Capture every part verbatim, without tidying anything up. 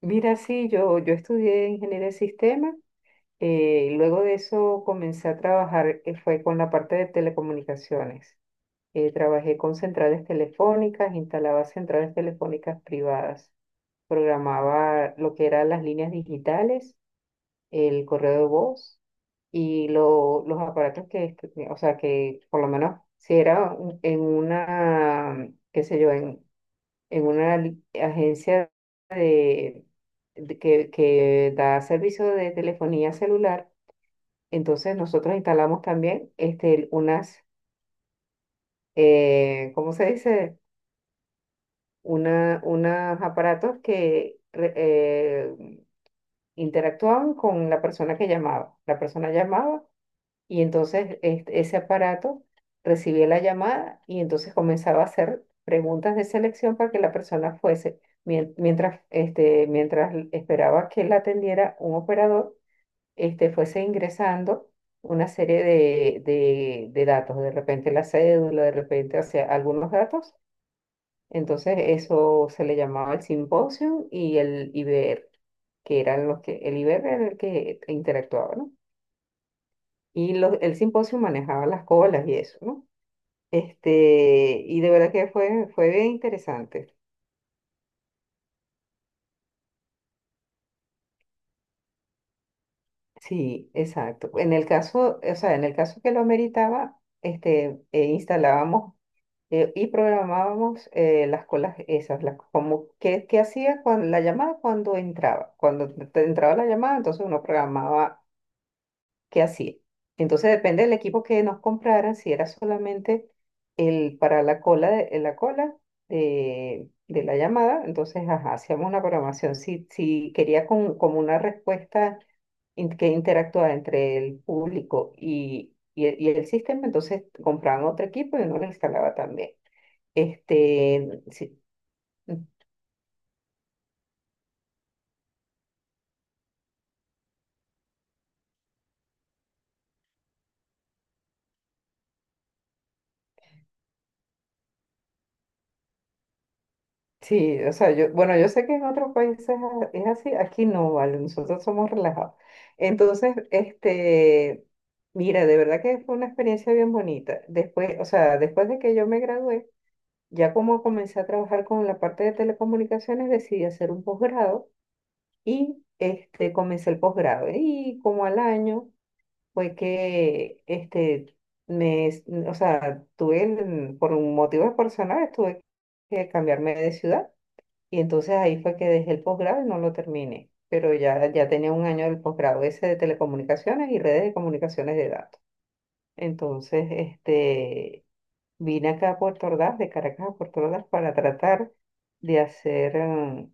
Mira, sí, yo, yo estudié ingeniería de sistemas, eh, y luego de eso comencé a trabajar, eh, fue con la parte de telecomunicaciones. Eh, trabajé con centrales telefónicas, instalaba centrales telefónicas privadas, programaba lo que eran las líneas digitales, el correo de voz y lo- los aparatos que, est- o sea, que por lo menos si era un- en una, qué sé yo, en una li- agencia de, de que, que da servicio de telefonía celular. Entonces nosotros instalamos también este, unas, eh, ¿cómo se dice? Una, unos aparatos que re- eh, interactuaban con la persona que llamaba. La persona llamaba. Y entonces este- ese aparato recibía la llamada y entonces comenzaba a hacer preguntas de selección para que la persona fuese, mien- mientras, este, mientras l- esperaba que la atendiera un operador, este, fuese ingresando una serie de, de, de datos, de repente la cédula, de repente, o sea, algunos datos. Entonces eso se le llamaba el simposio y el I B R, que eran los que, el I B R era el que interactuaba, ¿no? Y lo- el simposio manejaba las colas y eso, ¿no? Este, y de verdad que fue, fue bien interesante. Sí, exacto. En el caso, o sea, en el caso que lo ameritaba, este, eh, instalábamos eh, y programábamos eh, las colas esas, las, como qué, qué hacía cuando la llamada cuando entraba. Cuando te entraba la llamada, entonces uno programaba que hacía. Entonces depende del equipo que nos compraran, si era solamente el para la cola de, la cola de, de la llamada, entonces ajá, hacíamos una programación. Si, si quería con, como una respuesta in- que interactuara entre el público y, y, el, y el sistema, entonces compraban otro equipo y uno lo instalaba también. Este, sí. Sí, o sea, yo, bueno, yo sé que en otros países a- es así, aquí no, vale, nosotros somos relajados. Entonces, este, mira, de verdad que fue una experiencia bien bonita. Después, o sea, después de que yo me gradué, ya como comencé a trabajar con la parte de telecomunicaciones, decidí hacer un posgrado y este, comencé el posgrado. Y como al año fue que, este, me, o sea, tuve, el- por motivos personales, tuve que cambiarme de ciudad. Y entonces ahí fue que dejé el posgrado y no lo terminé, pero ya, ya tenía un año del posgrado ese de telecomunicaciones y redes de comunicaciones de datos. Entonces, este, vine acá a Puerto Ordaz, de Caracas a Puerto Ordaz, para tratar de hacer, mm,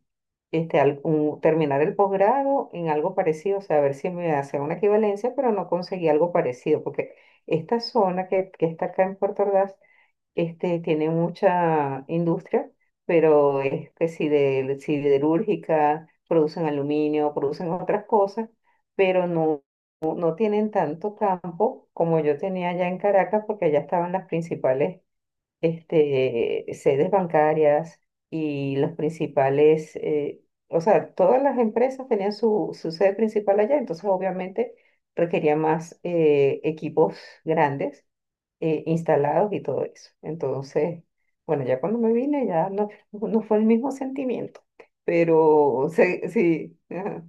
este, al- un- terminar el posgrado en algo parecido, o sea, a ver si me hacía una equivalencia, pero no conseguí algo parecido, porque esta zona que, que está acá en Puerto Ordaz, este, tiene mucha industria, pero es que si de siderúrgica, producen aluminio, producen otras cosas, pero no, no tienen tanto campo como yo tenía allá en Caracas, porque allá estaban las principales este, sedes bancarias y los principales, eh, o sea, todas las empresas tenían su, su sede principal allá, entonces obviamente requería más eh, equipos grandes eh, instalados y todo eso. Entonces, bueno, ya cuando me vine ya no, no fue el mismo sentimiento, pero sí, sí, ajá.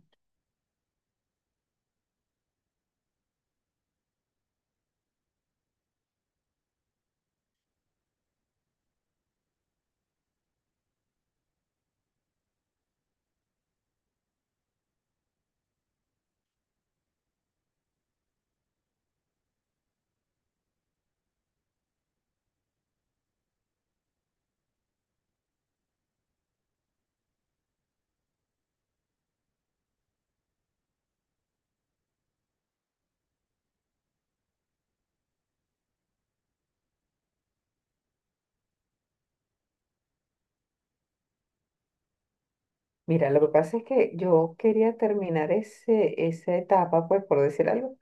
Mira, lo que pasa es que yo quería terminar ese, esa etapa, pues por decir algo,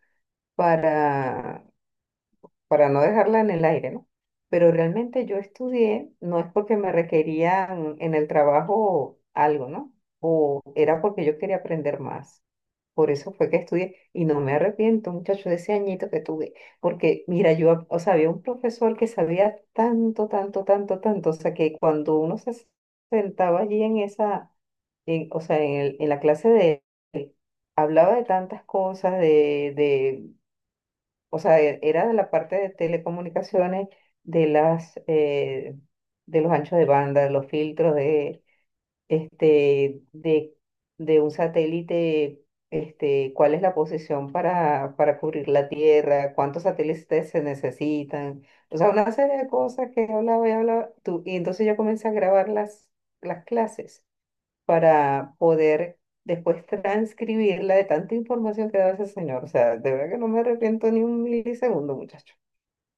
para para no dejarla en el aire, ¿no? Pero realmente yo estudié, no es porque me requerían en el trabajo algo, ¿no? O era porque yo quería aprender más. Por eso fue que estudié y no me arrepiento, muchacho, de ese añito que tuve. Porque, mira, yo, ap- o sea, había un profesor que sabía tanto, tanto, tanto, tanto, o sea, que cuando uno se sentaba allí en esa, en- o sea, en, el- en la clase de él, hablaba de tantas cosas, de, o sea, e- era de la parte de telecomunicaciones, de las, eh, de los anchos de banda, de los filtros de, este, de, de un satélite, este, cuál es la posición para, para cubrir la Tierra, cuántos satélites se necesitan, o sea, una serie de cosas que hablaba y hablaba tú, y entonces yo comencé a grabar las, las clases para poder después transcribirla de tanta información que da ese señor. O sea, de verdad que no me arrepiento ni un milisegundo, muchacho,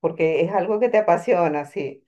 porque es algo que te apasiona, sí,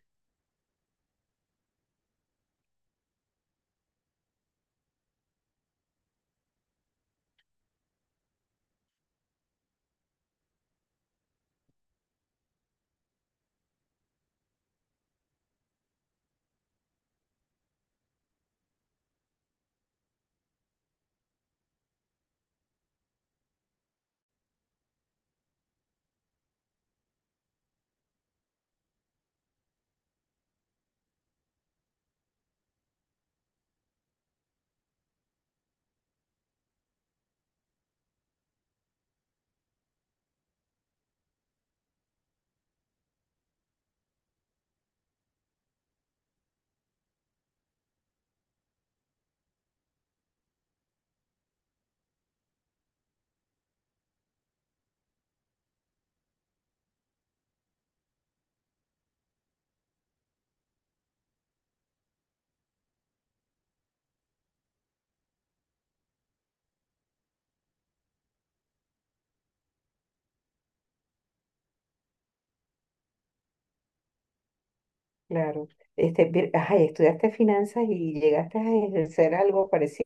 claro. Este, vi- ay, ¿estudiaste finanzas y llegaste a ejercer algo parecido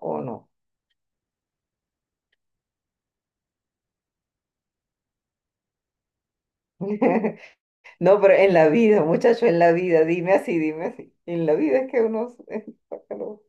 o no? No, pero en la vida, muchacho, en la vida, dime así, dime así. En la vida es que uno...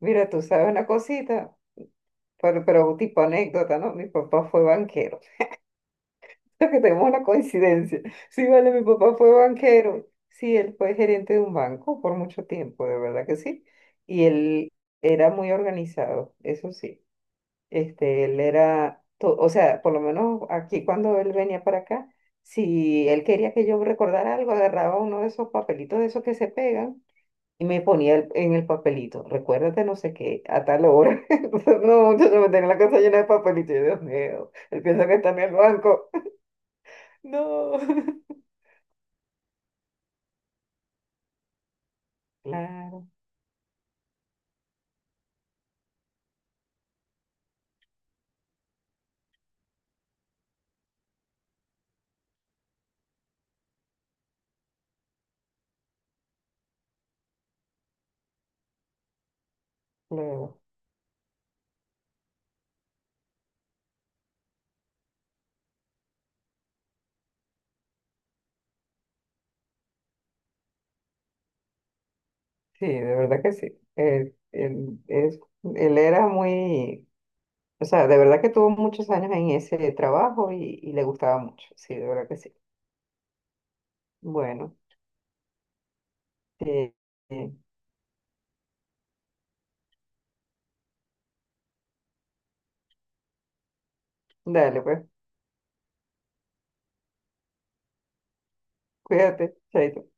Mira, tú sabes una cosita, pero, pero tipo anécdota, ¿no? Mi papá fue banquero. Creo que tenemos una coincidencia. Sí, vale, mi papá fue banquero. Sí, él fue gerente de un banco por mucho tiempo, de verdad que sí. Y él era muy organizado, eso sí. Este, él era, to- o sea, por lo menos aquí cuando él venía para acá, si él quería que yo recordara algo, agarraba uno de esos papelitos de esos que se pegan y me ponía el- en el papelito, recuérdate no sé qué, a tal hora. Entonces, no, yo me tenía la casa llena de papelitos. Yo, Dios mío, él piensa que está en el banco. No. Claro, claro. Sí, de verdad que sí. Él, él es, él era muy, o sea, de verdad que tuvo muchos años en ese trabajo y, y le gustaba mucho. Sí, de verdad que sí. Bueno, sí, sí. Dale, pues, cuídate, chaito.